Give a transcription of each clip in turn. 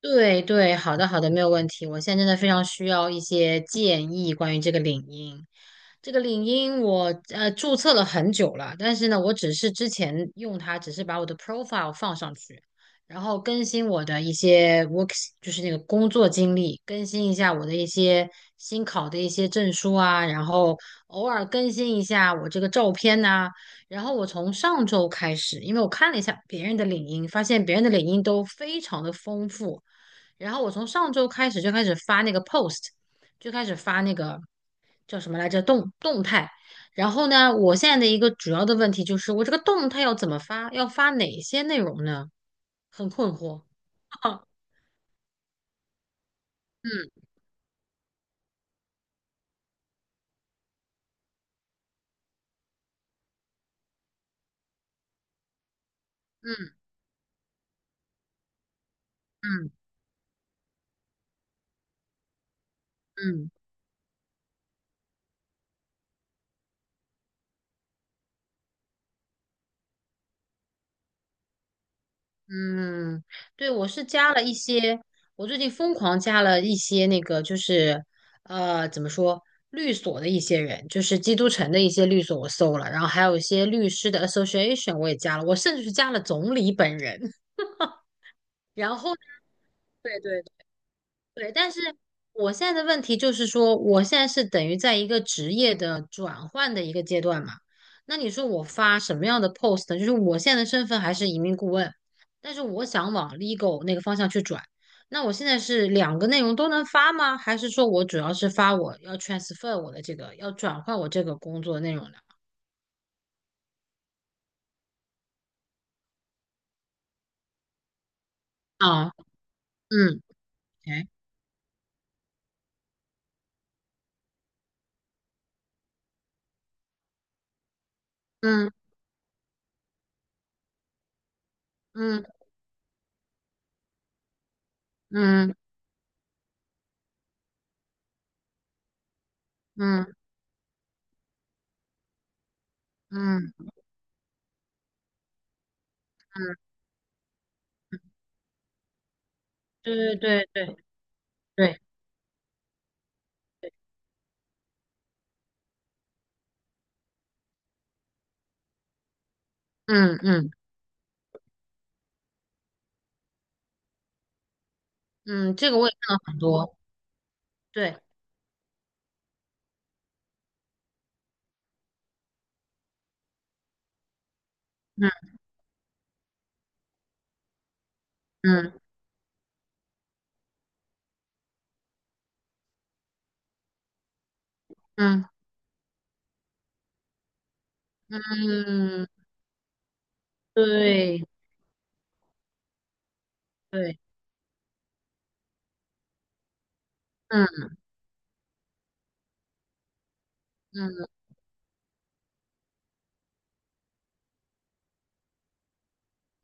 对，好的好的，没有问题。我现在真的非常需要一些建议关于这个领英。这个领英我注册了很久了，但是呢，我只是之前用它，只是把我的 profile 放上去，然后更新我的一些 就是那个工作经历，更新一下我的一些新考的一些证书啊，然后偶尔更新一下我这个照片呐、然后我从上周开始，因为我看了一下别人的领英，发现别人的领英都非常的丰富。然后我从上周开始就开始发那个 post，就开始发那个叫什么来着动态。然后呢，我现在的一个主要的问题就是，我这个动态要怎么发？要发哪些内容呢？很困惑。嗯嗯嗯嗯嗯。嗯，对，我是加了一些，我最近疯狂加了一些那个，就是怎么说，律所的一些人，就是基督城的一些律所，我搜了，然后还有一些律师的 association 我也加了，我甚至是加了总理本人。然后，对对对，但是我现在的问题就是说，我现在是等于在一个职业的转换的一个阶段嘛。那你说我发什么样的 post 呢，就是我现在的身份还是移民顾问，但是我想往 legal 那个方向去转。那我现在是两个内容都能发吗？还是说我主要是发我要 transfer 我的这个，要转换我这个工作的内容的？啊，嗯，o 哎，嗯嗯嗯嗯嗯嗯，对对对对对，嗯嗯嗯，这个我也看了很多。对，嗯嗯嗯嗯，对对，嗯嗯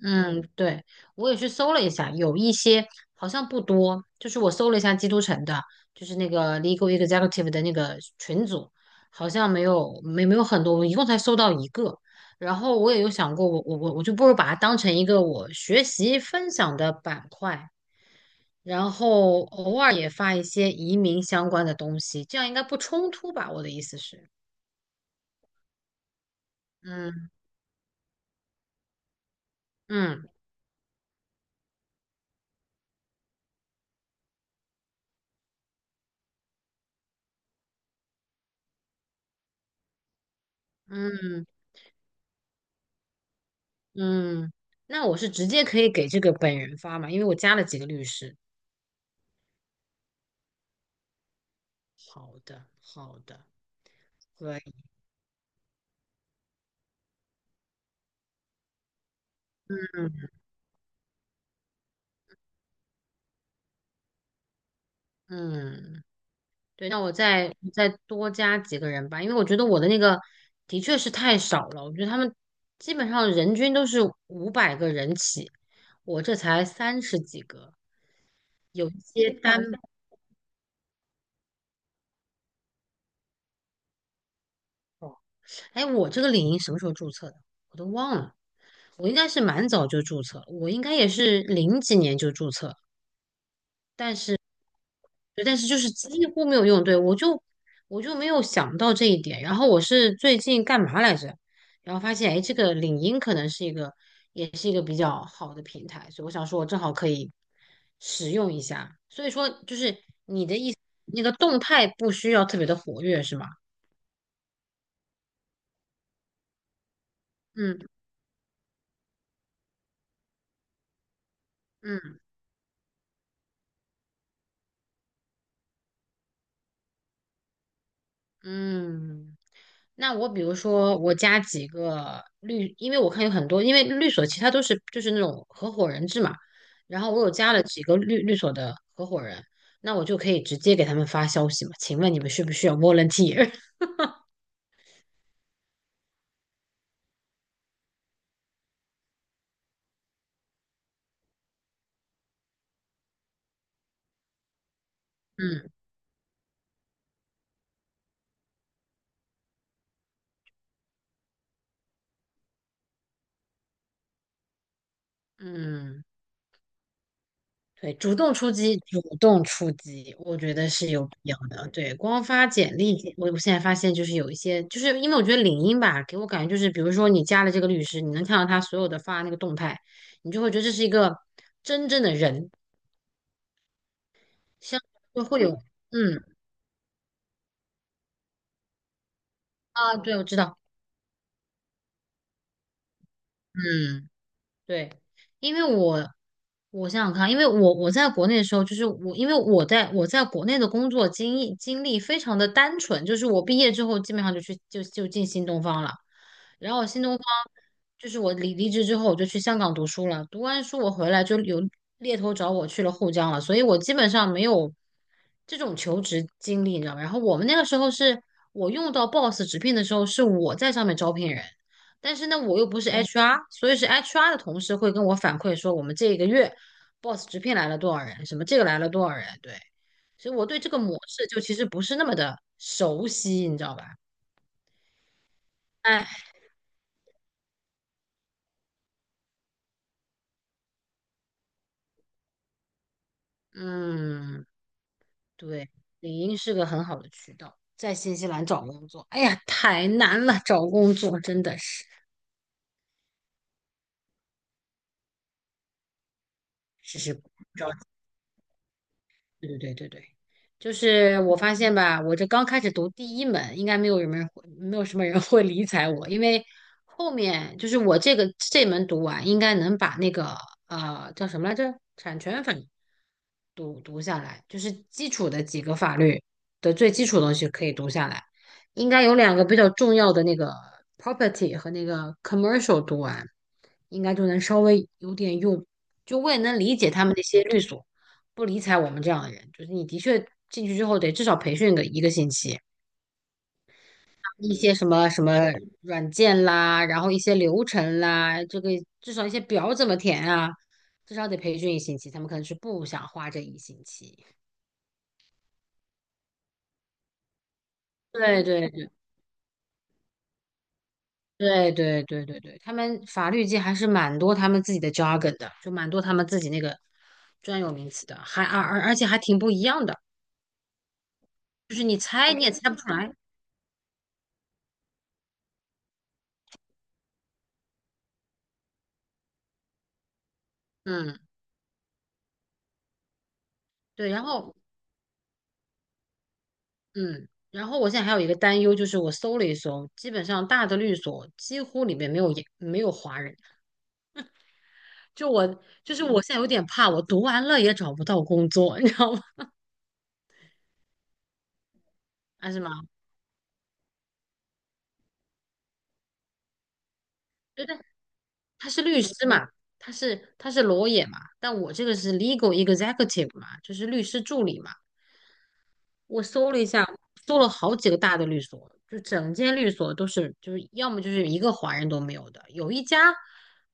嗯，对，我也去搜了一下，有一些好像不多，就是我搜了一下基督城的，就是那个 Legal Executive 的那个群组，好像没有很多，我一共才搜到一个。然后我也有想过，我就不如把它当成一个我学习分享的板块，然后偶尔也发一些移民相关的东西，这样应该不冲突吧？我的意思是，嗯。嗯嗯嗯，那我是直接可以给这个本人发嘛，因为我加了几个律师。好的，好的，可以。嗯嗯，对，那我再多加几个人吧，因为我觉得我的那个的确是太少了，我觉得他们基本上人均都是五百个人起，我这才三十几个，有一些单，哎，我这个领英什么时候注册的？我都忘了。我应该是蛮早就注册了，我应该也是零几年就注册，但。对，但是就是几乎没有用。对，我就没有想到这一点。然后我是最近干嘛来着？然后发现，哎，这个领英可能是一个，也是一个比较好的平台，所以我想说，我正好可以使用一下。所以说，就是那个动态不需要特别的活跃，是吗？嗯嗯。嗯，那我比如说我加几个律，因为我看有很多，因为律所其他都是就是那种合伙人制嘛，然后我有加了几个律所的合伙人，那我就可以直接给他们发消息嘛，请问你们需不需要 volunteer?嗯嗯。对，主动出击，主动出击，我觉得是有必要的。对，光发简历，我现在发现就是有一些，就是因为我觉得领英吧，给我感觉就是，比如说你加了这个律师，你能看到他所有的发那个动态，你就会觉得这是一个真正的人，像就会有，嗯对，我知道，嗯。对，因为我想想看啊，因为我我在国内的时候，就是我因为我在我在国内的工作经历非常的单纯，就是我毕业之后基本上就去就就进新东方了，然后新东方就是我离职之后我就去香港读书了，读完书我回来就有猎头找我去了沪江了，所以我基本上没有这种求职经历，你知道吗？然后我们那个时候是我用到 Boss 直聘的时候，是我在上面招聘人。但是呢，我又不是 HR,所以是 HR 的同事会跟我反馈说，我们这个月 boss 直聘来了多少人，什么这个来了多少人，对，所以我对这个模式就其实不是那么的熟悉，你知道吧？哎，嗯，对，领英是个很好的渠道，在新西兰找工作，哎呀，太难了，找工作真的是，只是。对对对对对，就是我发现吧，我这刚开始读第一门，应该没有什么人会，没有什么人会理睬我，因为后面就是我这个这门读完，应该能把那个叫什么来着，产权法读下来，就是基础的几个法律的最基础的东西可以读下来，应该有两个比较重要的那个 property 和那个 commercial 读完，应该就能稍微有点用，就我也能理解他们那些律所。不理睬我们这样的人，就是你的确进去之后得至少培训个一个星期，一些什么什么软件啦，然后一些流程啦，这个至少一些表怎么填啊，至少得培训一星期。他们可能是不想花这一星期。对对对，他们法律界还是蛮多他们自己的 jargon 的，就蛮多他们自己那个专有名词的，还而且还挺不一样的，就是你猜你也猜不出来。嗯，对，然后。嗯，然后我现在还有一个担忧，就是我搜了一搜，基本上大的律所几乎里面没有也没有华人，就我就是我现在有点怕，我读完了也找不到工作，你知道吗？啊，是吗？对对，他是律师嘛，他是 l a 嘛，但我这个是 legal executive 嘛，就是律师助理嘛。我搜了一下，搜了好几个大的律所，就整间律所都是，就是要么就是一个华人都没有的。有一家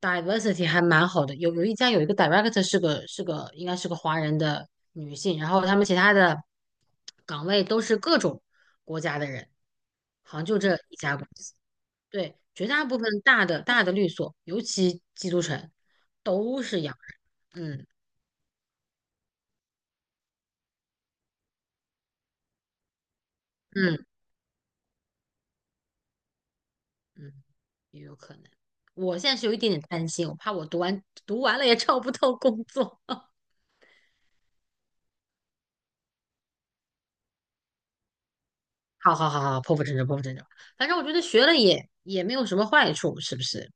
diversity 还蛮好的，有一家有一个 director 是个是个应该是个华人的女性，然后他们其他的岗位都是各种国家的人，好像就这一家公司。对，绝大部分大的律所，尤其基督城，都是洋人。嗯嗯。嗯，也有可能。我现在是有一点点担心，我怕我读完了也找不到工作。好好好好，破釜沉舟，破釜沉舟。反正我觉得学了也没有什么坏处，是不是？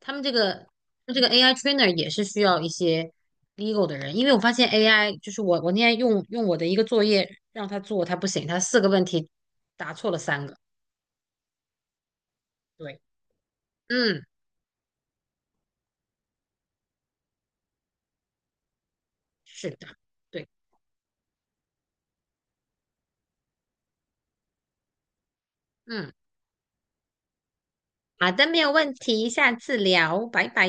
他们这个 AI trainer 也是需要一些 legal 的人，因为我发现 AI 就是我我那天用我的一个作业让他做，他不行，他四个问题答错了三个。对，嗯，是的，对，嗯，好的，没有问题，下次聊，拜拜。